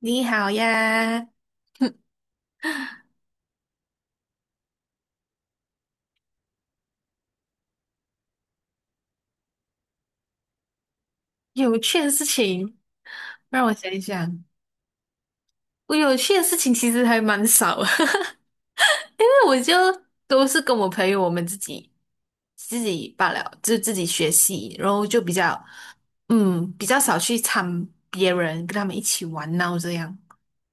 你好呀，有趣的事情让我想一想。我有趣的事情其实还蛮少的，因为我就都是跟我朋友我们自己罢了，就自己学习，然后就比较少去参别人跟他们一起玩闹这样。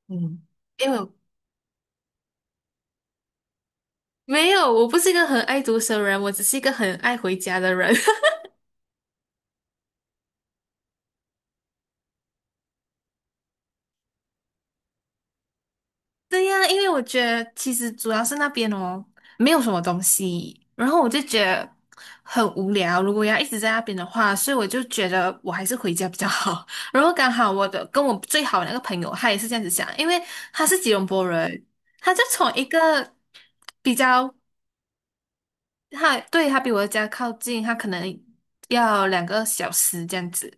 嗯，因为我没有，我不是一个很爱读书的人，我只是一个很爱回家的人。对呀，因为我觉得其实主要是那边哦，没有什么东西，然后我就觉得很无聊。如果要一直在那边的话，所以我就觉得我还是回家比较好。然后刚好我最好的那个朋友，他也是这样子想，因为他是吉隆坡人，他就从一个比较他对他比我的家靠近，他可能要2个小时这样子。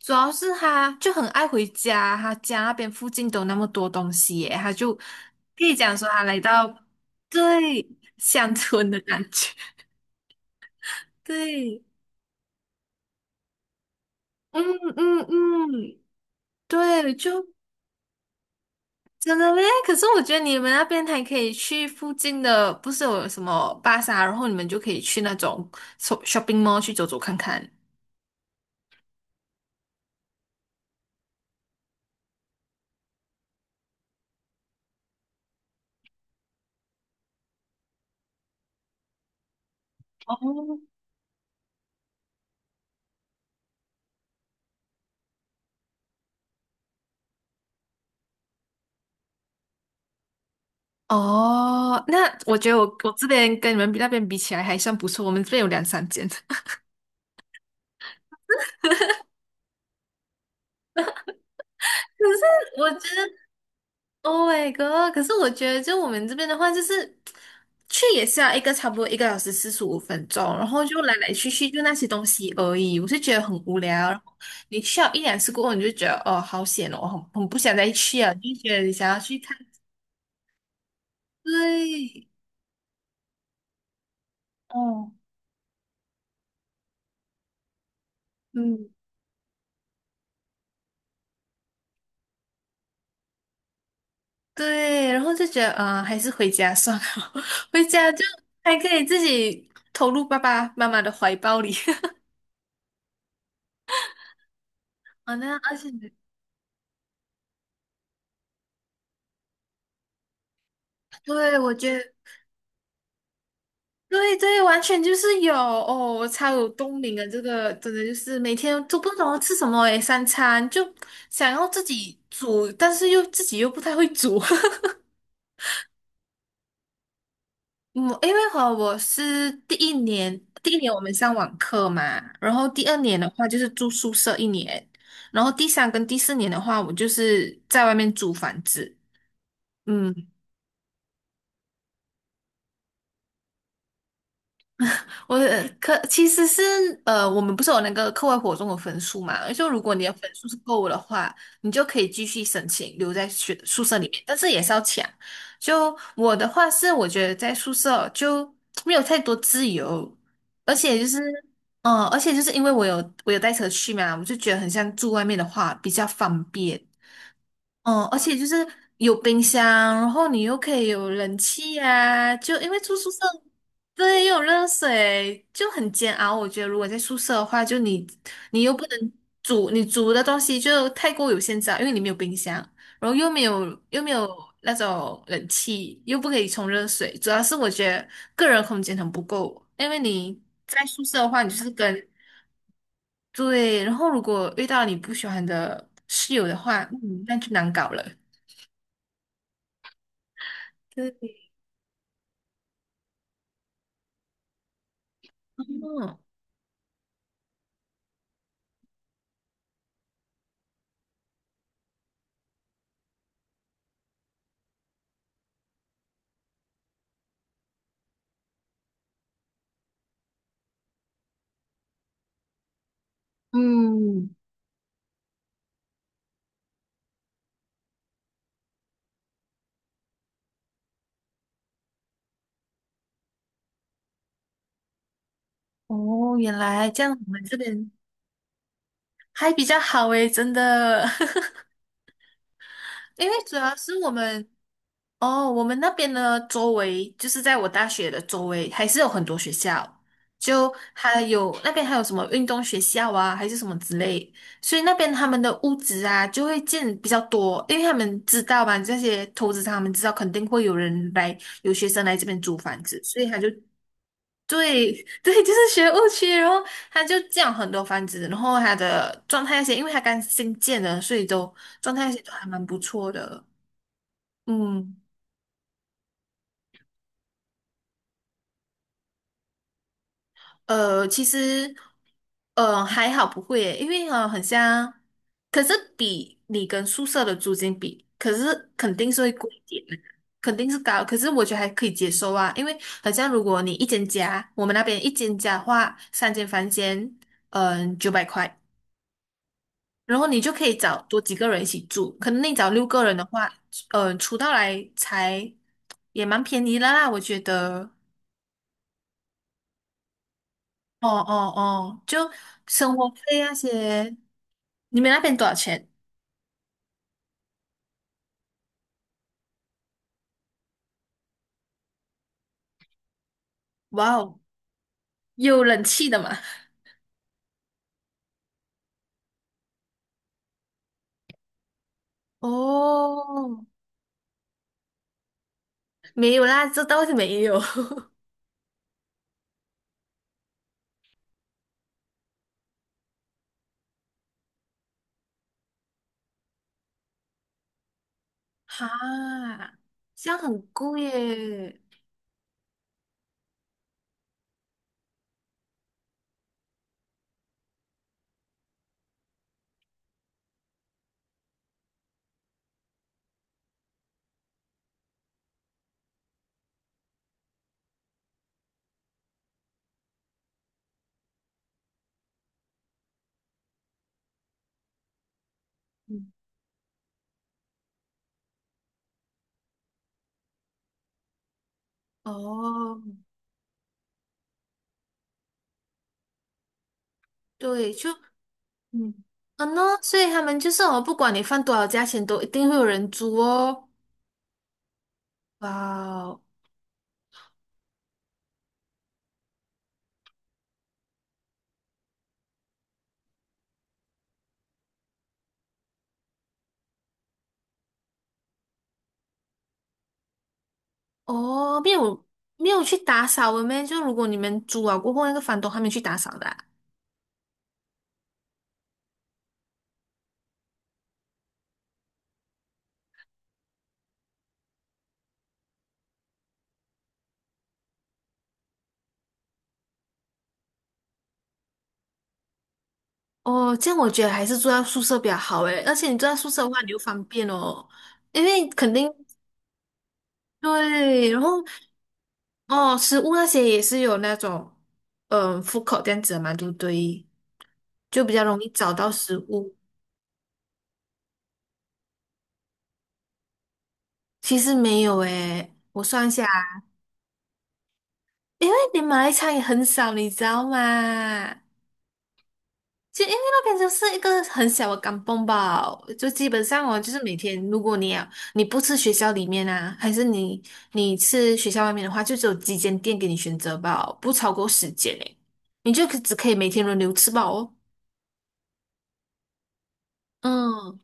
主要是他就很爱回家，他家那边附近都那么多东西耶，他就可以讲说他来到对乡村的感觉。对，嗯嗯嗯，对，就真的嘞。可是我觉得你们那边还可以去附近的，不是有什么巴萨，然后你们就可以去那种 shopping mall 去走走看看。哦，那我觉得我这边跟你们那边比起来还算不错，我们这边有两三间。可是我觉得，Oh my god！可是我觉得，就我们这边的话，就是去也是要差不多1个小时45分钟，然后就来来去去就那些东西而已，我是觉得很无聊。然后你去了一两次过后，你就觉得哦，好险哦，很不想再去啊，就觉得你想要去看，对。嗯。对，然后就觉得，还是回家算了，回家就还可以自己投入爸爸妈妈的怀抱里。啊，那而且，对，我觉得，对对，完全就是有哦，我超有动力的这个，真的就是每天都不懂要吃什么诶，三餐就想要自己煮，但是自己又不太会煮。嗯，因为和我是第一年，第一年我们上网课嘛，然后第二年的话就是住宿舍一年，然后第三跟第四年的话，我就是在外面租房子。嗯，我可其实是我们不是有那个课外活动的分数嘛？就如果你的分数是够的话，你就可以继续申请留在学宿舍里面，但是也是要抢。就我的话是，我觉得在宿舍哦就没有太多自由，而且就是，因为我有带车去嘛，我就觉得很像住外面的话比较方便。哦，而且就是有冰箱，然后你又可以有冷气啊，就因为住宿舍，对，又有热水，就很煎熬。我觉得如果在宿舍的话，就你又不能煮，你煮的东西就太过有限制啊，因为你没有冰箱，然后又没有那种冷气，又不可以冲热水。主要是我觉得个人空间很不够，因为你在宿舍的话，你就是跟对，然后如果遇到你不喜欢的室友的话，嗯，那就难搞了。嗯嗯，哦，原来这样，我们这边还比较好诶，真的。因为主要是我们哦，我们那边呢，周围就是在我大学的周围，还是有很多学校，就还有那边还有什么运动学校啊，还是什么之类，所以那边他们的屋子啊就会建比较多，因为他们知道嘛，这些投资商他们知道肯定会有人来，有学生来这边租房子，所以他就对。 对，就是学务区，然后他就降很多房子，然后他的状态那些，因为他刚新建的，所以状态那些都还蛮不错的。嗯，其实还好不会耶，因为很像，可是比你跟宿舍的租金比，可是肯定是会贵一点的，肯定是高，可是我觉得还可以接受啊，因为好像如果你一间家，我们那边一间家的话，三间房间，900块。然后你就可以找多几个人一起住，可能你找六个人的话，出到来才也蛮便宜的啦，我觉得。哦哦哦，就生活费那些，你们那边多少钱？哇哦，有冷气的嘛？哦，没有啦，这倒是没有。哈，这样很贵耶。嗯，哦，对，就嗯，嗯呢，所以他们就是哦，不管你放多少价钱，都一定会有人租哦。哇哦，哦，没有，没有去打扫了咩？就如果你们租啊过后，那个房东还没去打扫的啊？哦，这样我觉得还是住在宿舍比较好诶，而且你住在宿舍的话，你就方便哦，因为肯定对，然后哦，食物那些也是有那种口 o o d c o 这样子的嘛，对不对？就比较容易找到食物。其实没有诶，我算一下啊。因为你马来餐也很少，你知道吗？就因为那边就是一个很小的港崩吧，就基本上哦，就是每天，如果你不吃学校里面啊，还是你吃学校外面的话，就只有几间店给你选择吧，不超过10间诶，你就只可以每天轮流吃饱哦。嗯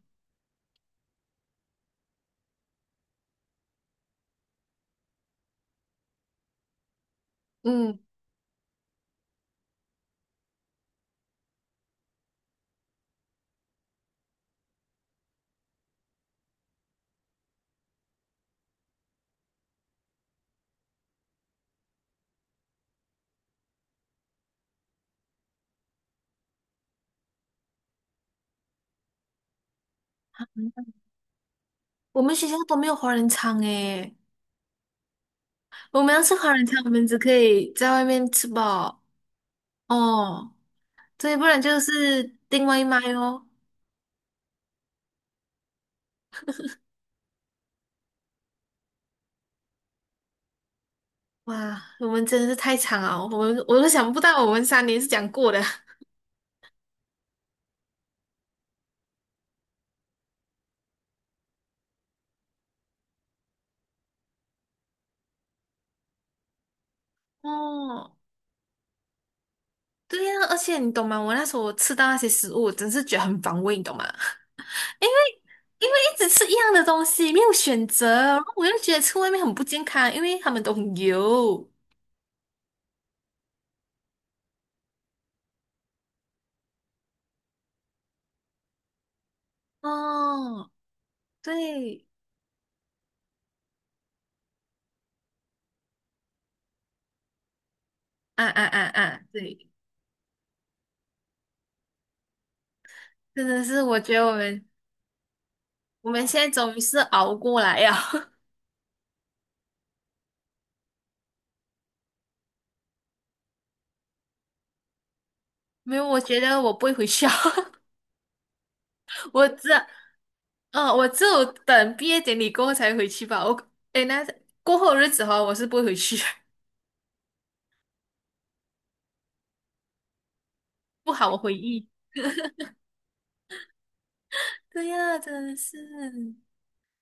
嗯，我们学校都没有华人餐诶，我们要吃华人餐，我们只可以在外面吃饱哦，对，不然就是订外卖哦。哇，我们真的是太惨了，我都想不到我们3年是怎样过的。哦，对呀，而且你懂吗？我那时候吃到那些食物，我真是觉得很反胃，你懂吗？因为一直吃一样的东西，没有选择，然后我又觉得吃外面很不健康，因为他们都很油。哦，对，啊啊啊啊，对，真的是，我觉得我们现在终于是熬过来呀。没有，我觉得我不会回去啊。我只，嗯、我只有等毕业典礼过后才回去吧。我，诶，那过后的日子哈，我是不会回去。不好，我回忆。对呀，真的是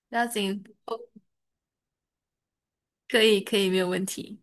不要紧，可以可以，没有问题。